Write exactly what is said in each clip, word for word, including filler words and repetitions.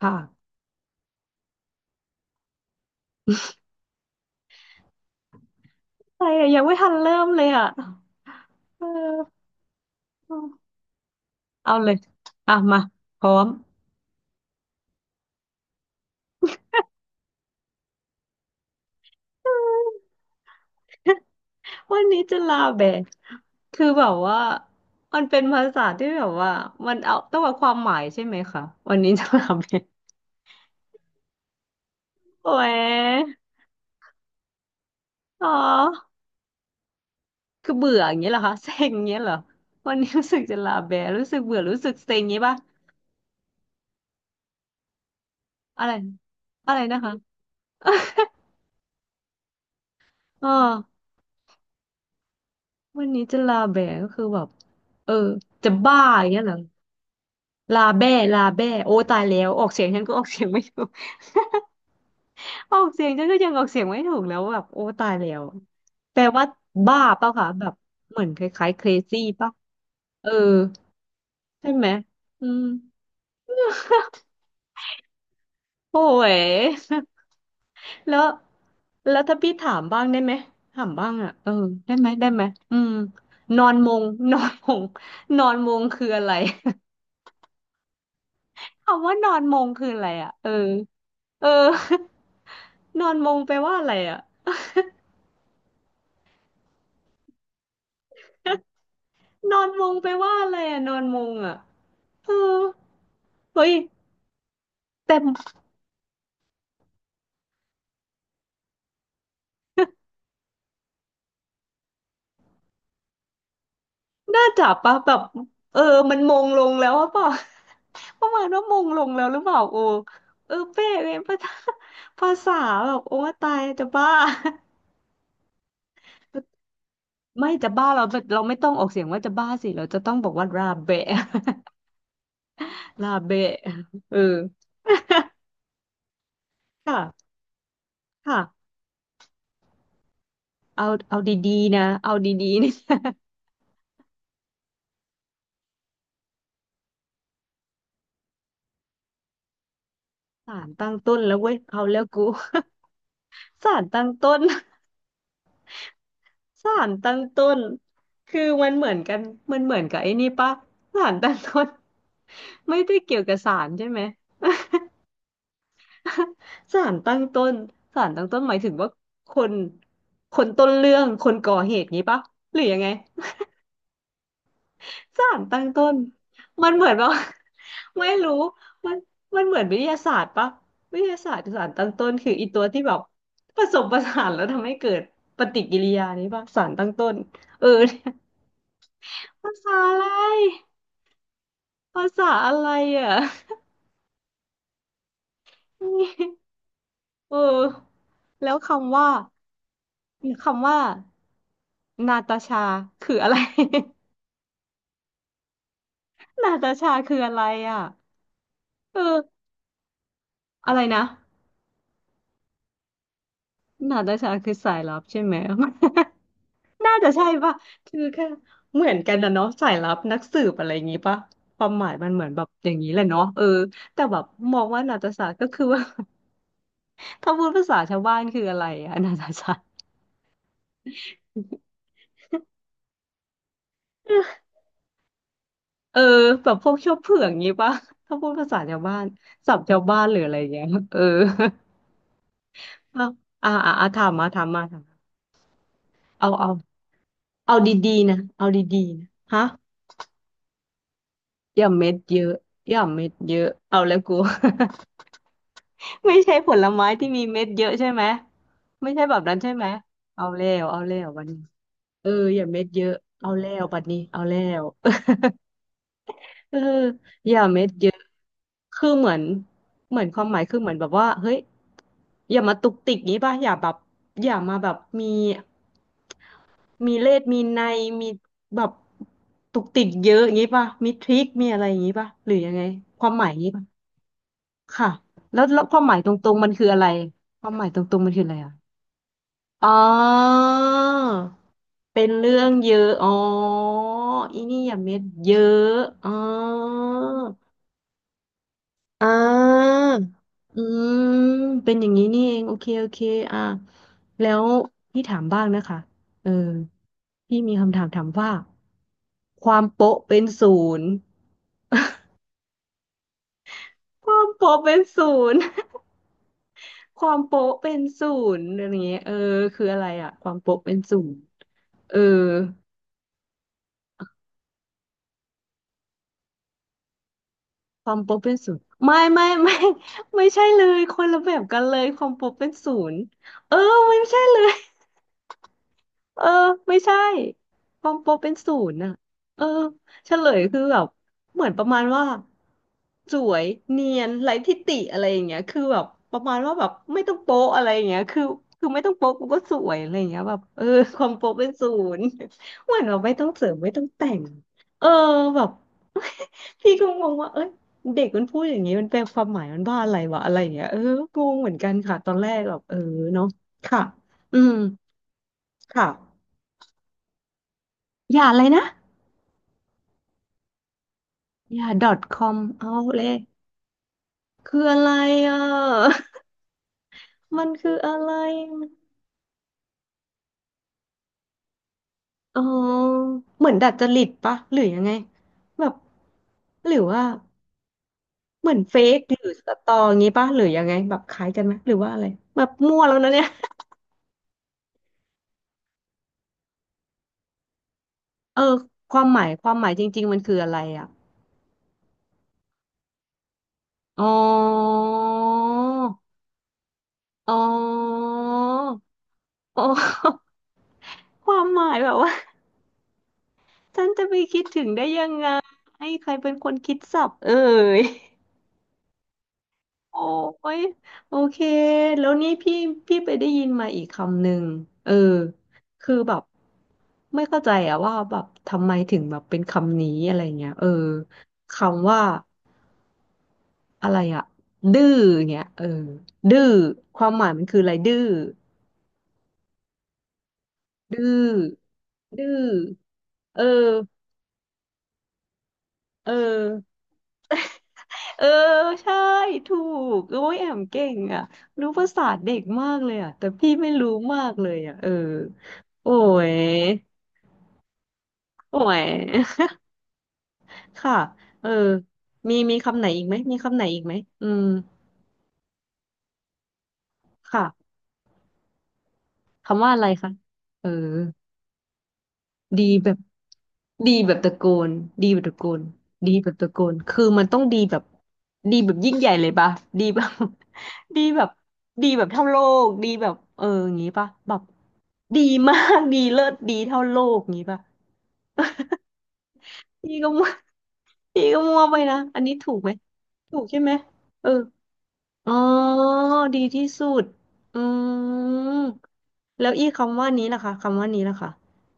ค่ะอะไรอะยังไม่ทันเริ่มเลยอ่ะเออเอาเลยอ่ะมาพร้อม วันนี้จะลาแบะคือแบบว่ามันเป็นภาษาที่แบบว่ามันเอาต้องเอาความหมายใช่ไหมคะวันนี้จะลาแบะโอ้ยอ๋อคือเบื่ออย่างเงี้ยเหรอคะเซ็งอย่างเงี้ยเหรอวันนี้รู้สึกจะลาแบะรู้สึกเบื่อรู้สึกเซ็งอย่างงี้ป่ะอะไรอะไรนะคะอ๋อวันนี้จะลาแบะก็คือแบบเออจะบ้าอย่างเงี้ยเหรอ ลาแบ้ลาแบ้โอ้ตายแล้วออกเสียงฉันก็ ออกเสียงไม่ถูก ออกเสียงฉันก็ยังออกเสียงไม่ถูกแล้วแบบโอ้ตายแล้วแปลว่าบ้าเปล่าคะแบบเหมือนคล้ายๆ crazy ป่ะเออใช่ไหมอืมโอ้ย แล้วแล้วถ้าพี่ถามบ้างได้ไหมถามบ้างอ่ะเออได้ไหมได้ไหมอืมนอนมง นอนมงนอนมงคืออะไร คำว่านอนมงคืออะไรอ่ะเออเออ นอนมงแปลว่าอะไรอ่ะ นอนมงไปว่าอะไรอะนอนมงอะเออเฮ้ยแต่น่าจับปะแบบเออมันมงลงแล้วหรือเปล่า ประมาณว่ามงลงแล้วหรือเปล่าโอเออเปะเองภาษาภา ษาแบบโอ้ตายจะบ้า ไม่จะบ้าเราเราไม่ต้องออกเสียงว่าจะบ้าสิเราจะต้องบอกว่าราเบะ ราเบะเออค่ะค่ะเอาเอาดีๆนะเอาดีๆ นี่ สารตั้งต้นแล้วเว้ยเอาแล้วกู สารตั้งต้น สารตั้งต้นคือมันเหมือนกัน มันเหมือนกับไอ้นี่ปะ สารตั้งต้น ไม่ได้เกี่ยวกับสารใช่ไหม สารตั้งต้นสารตั้งต้นหมายถึงว่าคน คนต้นเรื่อง คนก่อเหตุงี้ปะหรือยังไง สารตั้งต้นมันเหมือนว่า ไม่รู้มันมันเหมือนวิทยาศาสตร์ปะวิทยาศาสตร์สารตั้งต้นคืออีตัวที่แบบผสมประสานแล้วทำให้เกิดปฏิกิริยานี้ปะสารตั้งต้นเออ เนี่ยภาษาอะไร ภาษาอะไรอ่ะ เออแล้วคำว่าคำว่านาตาชาคืออะไร นาตาชา คืออะไรอ่ะเอออะไรนะนาตาชาคือสายลับใช่ไหม น่า จะใช่ป่ะคือแค่เหมือนกันนะเนาะสายลับนักสืบอะไรอย่างงี้ป่ะความหมายมันเหมือนแบบอย่างนี้แหละเนาะเออแต่แบบมองว่านาตาชาก็คือว่า ถ้าพูดภาษาชาวบ้านคืออะไรอะนาตาชา เออแบบพวกเขี้ยเผือกงี้ป่ะ ถ้าพูดภาษาชาวบ้านศัพท์ชาวบ้านหรืออะไรอย่างเงี้ยเออ เอาอ่าอ่าอ่าถามมาถามมาถามมาเอาเอาเอาดีๆนะเอาดีๆนะฮะอย่าเม็ดเยอะอย่าเม็ดเยอะเอาแล้วกู ไม่ใช่ผลไม้ที่มีเม็ดเยอะใช่ไหมไม่ใช่แบบนั้นใช่ไหมเอาแล้วเอาแล้ววันนี้เอออย่าเม็ดเยอะเอาแล้วบัดนี้เอาแล้ว เอออย่าเม็ดเยอะคือเหมือน เหมือนความหมายคือเหมือนแบบว่าเฮ้ยอย่ามาตุกติกนี้ป่ะ อย่าแบบอย่ามาแบบมี มีเลสมีในมีแบบตุกติกเยอะอย่างงี้ป่ะมีทริคมีอะไรอย่างงี้ป่ะหรือยังไงความหมายอย่างงี้ป่ะค่ะแล้วแล้วความหมายตรงๆมันคืออะไรความหมายตรงๆมันคืออะไรอ่ะอ๋อเป็นเรื่องเยอะอ๋ออีนี่อย่าเม็ดเยอะอ๋อ อ่าอืมเป็นอย่างนี้นี่เองโอเคโอเคอ่าแล้วพี่ถามบ้างนะคะเออพี่มีคำถามถามว่าความโป๊ะเป็นศูนย์ความโป๊ะเป็นศูนย์ ความโป๊ะเป็นศูนย์อะไรอย่างเงี้ยเออคืออะไรอะความโป๊ะเป็นศูนย์เออความโป๊ะเป็นศูนย์ไม่ไม่ไม่ ไม่ใช่เลย คนละแบบกันเลย ความโป๊ะเป็นศูนย์เออไม่ใช่เลย เออไม่ใช่ความโปรเป็นศูนย์อ่ะเออเฉลยคือแบบเหมือนประมาณว่าสวยเนียนไร้ทิฏฐิอะไรอย่างเงี้ยคือแบบประมาณว่าแบบไม่ต้องโป๊ะอะไรอย่างเงี้ยคือคือไม่ต้องโป๊ะกูก็สวยอะไรอย่างเงี้ยแบบเออความโป๊ะเป็นศูนย์ เหมือนเราไม่ต้องเสริมไม่ต้องแต่งเออแบบ พี่ก็งงว่าเอ้ยเด็กมันพูดอย่างนี้มันแปลความหมายมันว่าอะไรวะอะไรอย่างเงี้ยเอองงเหมือนกันค่ะตอนแรกแบบเออเนาะค่ะอืมค่ะ อย่าอะไรนะอย่า .com เอาเลยคืออะไรอ่ะ มันคืออะไรอะอ๋อเหมือนดัดจริตปะหรือยังไงแบบหรือว่าเหมือนเฟกหรือสตออย่างงี้ปะหรือยังไงแบบคล้ายกันไหมหรือว่าอะไรแบบมั่วแล้วนะเนี่ยเออความหมายความหมายจริงๆมันคืออะไรอ่ะอ๋ออ๋ออ๋อ ความหมายแบบว่า ท่านจะไปคิดถึงได้ยังไงให้ใครเป็นคนคิดศัพท์เอ่ยโอ้ยโอเคแล้วนี่พี่พี่ไปได้ยินมาอีกคำหนึ่งเออคือแบบไม่เข้าใจอะว่าแบบทำไมถึงแบบเป็นคำนี้อะไรเงี้ยเออคำว่าอะไรอะดื้อเงี้ยเออดื้อความหมายมันคืออะไรดื้อดื้อดื้อเออเออ เออใช่ถูกโอ้ยแอมเก่งอ่ะรู้ภาษาเด็กมากเลยอ่ะแต่พี่ไม่รู้มากเลยอ่ะเออโอ้ยโอ้ย ค่ะเออมีมีคำไหนอีกไหมมีคำไหนอีกไหมอืมค่ะคำว่าอะไรคะเออ ดีแบบดีแบบตะโกนดีแบบตะโกนดีแบบตะโกนคือมันต้องดีแบบดีแบบยิ่งใหญ่เลยปะดีแบบ ดีแบบดีแบบเท่าโลกดีแบบเอออย่างงี้ปะแบบดีมากดีเลิศดีเท่าโลกอย่างงี้ปะ พี่ก็มั่วพี่ก็มั่วไปนะอันนี้ถูกไหมถูกใช่ไหมเอออ๋อดีที่สุดอืมแล้วอีคำว่านี้ล่ะคะคำว่านี้ล่ะคะ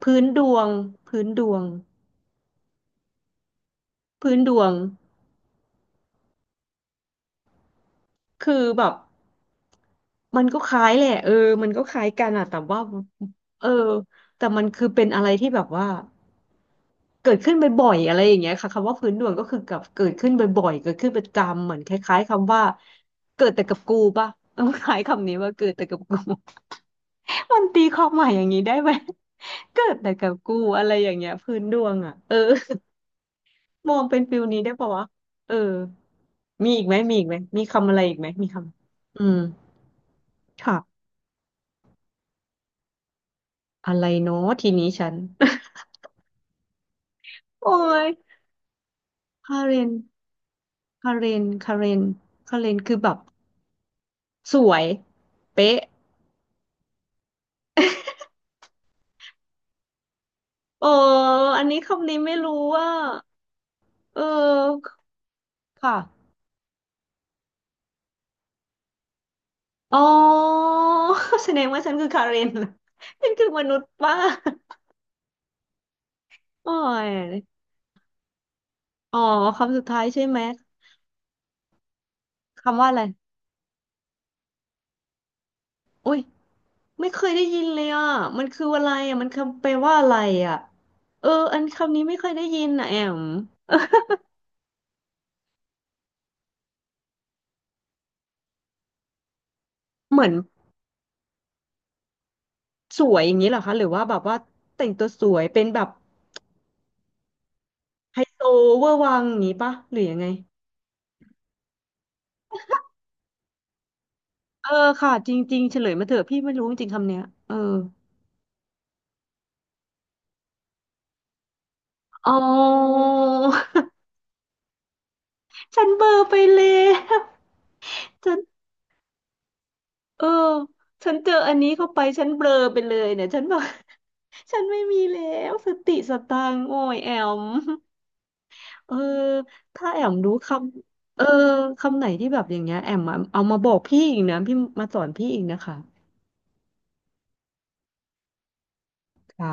พื้นดวงพื้นดวง พื้นดวงคือแบบมันก็คล้ายแหละเออมันก็คล้ายกันอะแต่ว่าเออแต่มันคือเป็นอะไรที่แบบว่าเกิดขึ้นบ่อยๆอะไรอย่างเงี้ยค่ะคำว่าพื้นดวงก็คือกับเกิดขึ้นบ่อยๆเกิดขึ้นประจำเหมือนคล้ายๆคำว่าเกิดแต่กับกูป่ะต้องคล้ายคำนี้ว่าเกิดแต่กับกู มันตีความหมายอย่างนี้ได้ไหมเกิดแต่กับกูอะไรอย่างเงี้ยพื้นดวงอ่ะเออมองเป็นฟิลนี้ได้ป่าวะเออมีอีกไหมมีอีกไหมมีคำอะไรอีกไหมมีคำอืมค่ะ อะไรเนาะทีนี้ฉัน โอ้ยคาเรนคาเรนคาเรนคาเรนคือแบบสวยเป๊ะเอออันนี้คำนี้ไม่รู้ว่าเออค่ะอ๋อ แสดงว่าฉันคือคาเรน เหรอฉันคือมนุษย์ป้า โอ้ยอ๋อคำสุดท้ายใช่ไหมคำว่าอะไรโอ้ยไม่เคยได้ยินเลยอ่ะมันคืออะไรอ่ะมันคำแปลว่าอะไรอ่ะเอออันคำนี้ไม่เคยได้ยินนะแอมเหมือน สวยอย่างนี้เหรอคะหรือว่าแบบว่าแต่งตัวสวยเป็นแบบไฮโซเวอร์วังอย่างนี้ปะหรือยังไงเออค่ะจริงๆเฉลยมาเถอะพี่ไม่รู้จริงๆคำเนี้ยเอออ๋อฉันเบลอไปแล้วฉันเออฉันเจออันนี้เข้าไปฉันเบลอไปเลยเนี่ยฉันบอก ฉันไม่มีแล้วสติสตังค์โอ้ยแอมเออถ้าแอมรู้คำเออคำไหนที่แบบอย่างเงี้ยแอมมาเอามาบอกพี่อีกนะพี่มาสอนพี่อีกนะคะค่ะ